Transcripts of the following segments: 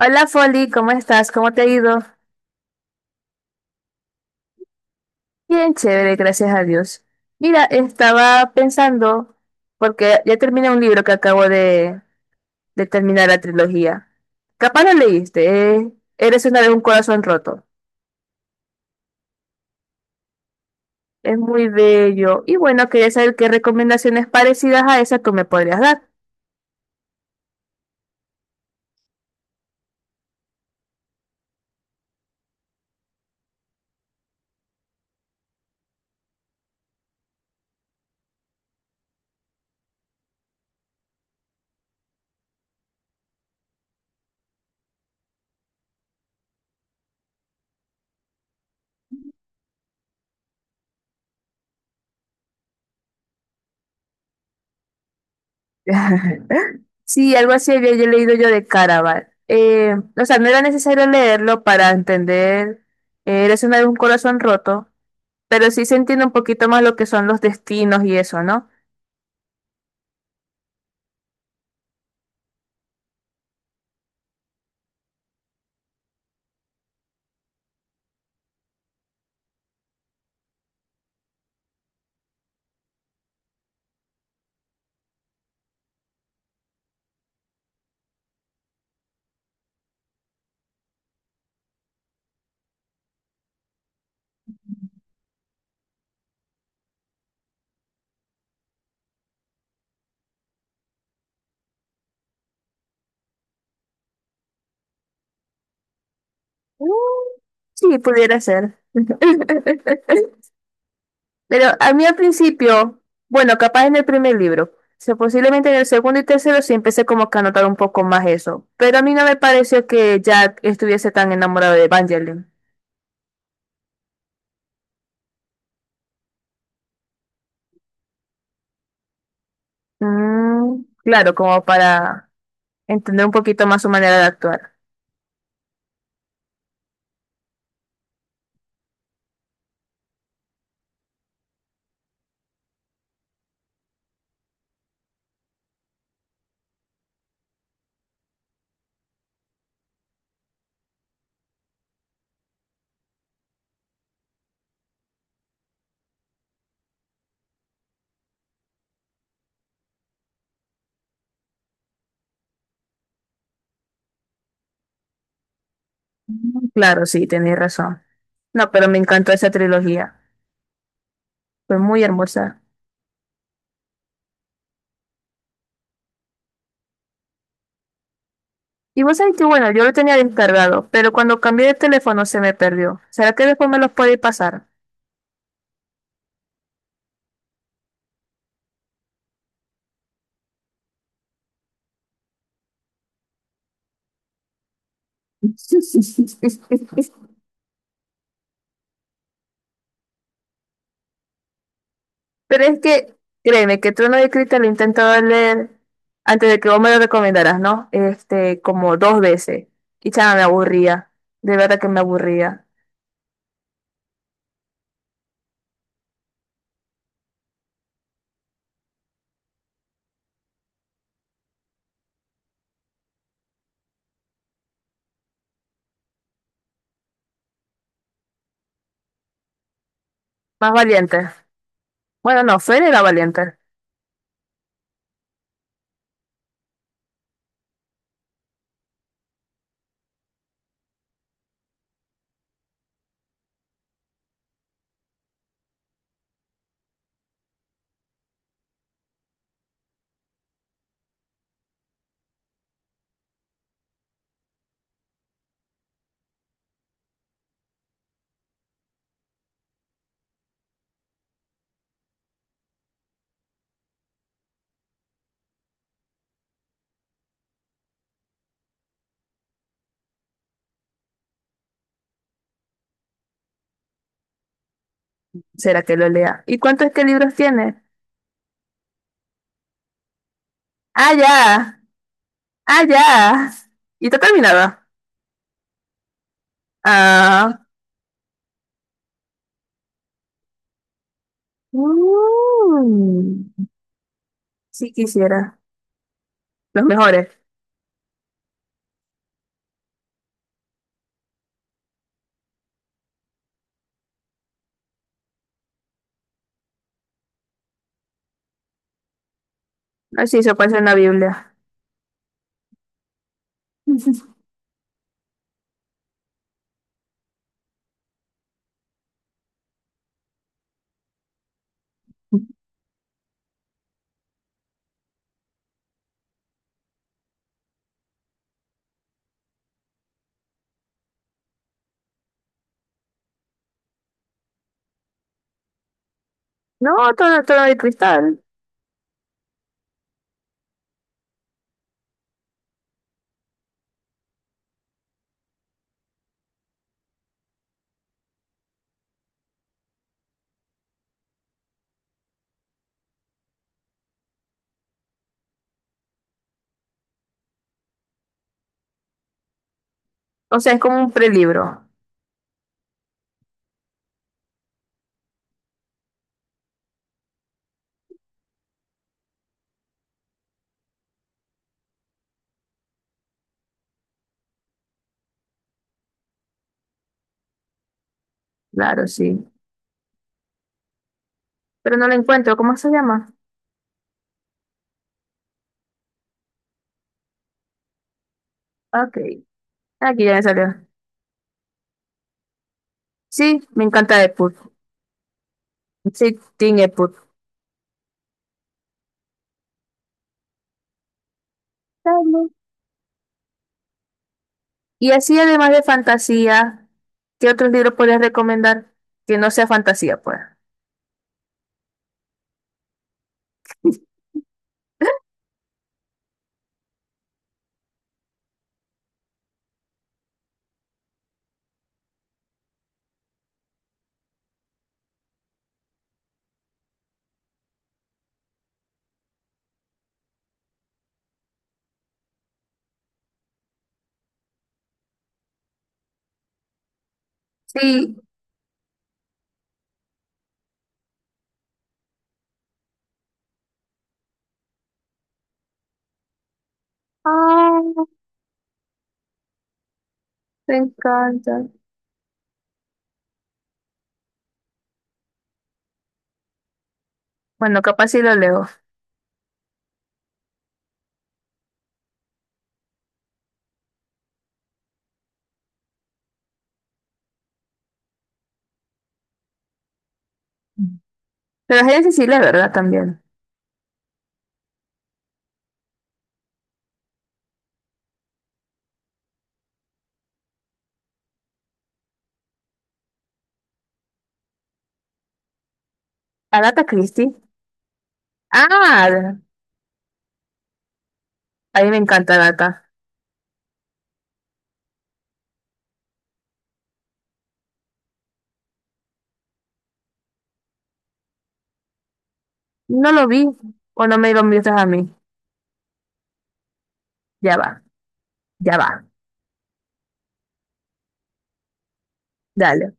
Hola Folly, ¿cómo estás? ¿Cómo te ha ido? Bien, chévere, gracias a Dios. Mira, estaba pensando, porque ya terminé un libro que acabo de terminar la trilogía. Capaz lo leíste, ¿eh? Eres una vez un corazón roto. Es muy bello. Y bueno, quería saber qué recomendaciones parecidas a esa tú me podrías dar. Sí, algo así había yo leído yo de Caraval. O sea, no era necesario leerlo para entender Eres una vez un corazón roto. Pero sí se entiende un poquito más lo que son los destinos y eso, ¿no? Mm. Sí, pudiera ser. Pero a mí al principio, bueno, capaz en el primer libro, o sea, posiblemente en el segundo y tercero sí empecé como que a notar un poco más eso. Pero a mí no me pareció que Jack estuviese tan enamorado de Evangeline. Mm, claro, como para entender un poquito más su manera de actuar. Claro, sí, tenéis razón. No, pero me encantó esa trilogía. Fue muy hermosa. Y vos sabés que, bueno, yo lo tenía descargado, pero cuando cambié de teléfono se me perdió. ¿Será que después me los puede pasar? Pero es que, créeme, que Trono de Cristal lo he intentado leer antes de que vos me lo recomendaras, ¿no? Este, como dos veces. Y chama, me aburría. De verdad que me aburría. Más valiente. Bueno, no, Fer era valiente. ¿Será que lo lea? ¿Y cuántos qué libros tiene? ¡Ah, ya! ¡Ah, ya! ¿Y está terminada? Ah. Mm. Si quisiera, los mejores. Así se puede hacer en la Biblia. No, todo, todo de cristal. O sea, es como un prelibro. Claro, sí. Pero no lo encuentro. ¿Cómo se llama? Ok. Aquí ya me salió. Sí, me encanta Deadpool. Sí, Team Deadpool. Dale. Y así, además de fantasía, ¿qué otros libros podrías recomendar que no sea fantasía, pues? Sí. Ah, me encanta. Bueno, capaz sí lo leo. Pero es Cecilia, ¿verdad? También. Agatha Christie. Ah, a mí me encanta Agatha. No lo vi. O no me lo miras a mí. Ya va, ya va. Dale.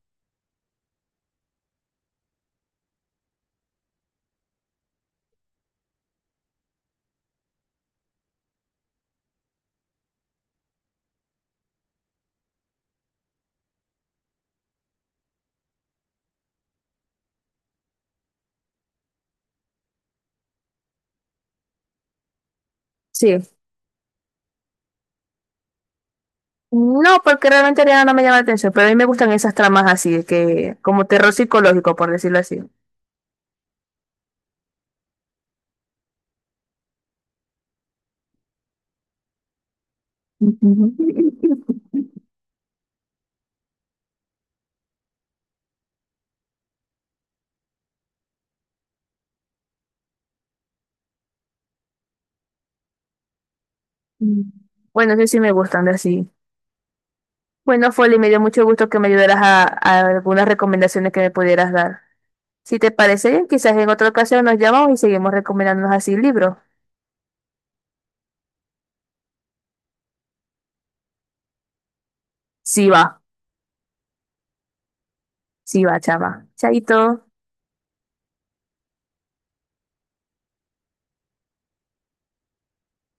Sí. No, porque realmente Ariana no me llama la atención, pero a mí me gustan esas tramas así, que como terror psicológico, por decirlo así. Bueno, sí, sí me gustan de así. Bueno, Folly, me dio mucho gusto que me ayudaras a algunas recomendaciones que me pudieras dar. Si te parece bien, quizás en otra ocasión nos llamamos y seguimos recomendándonos así libros. Sí, va. Sí, va, chava. Chaito.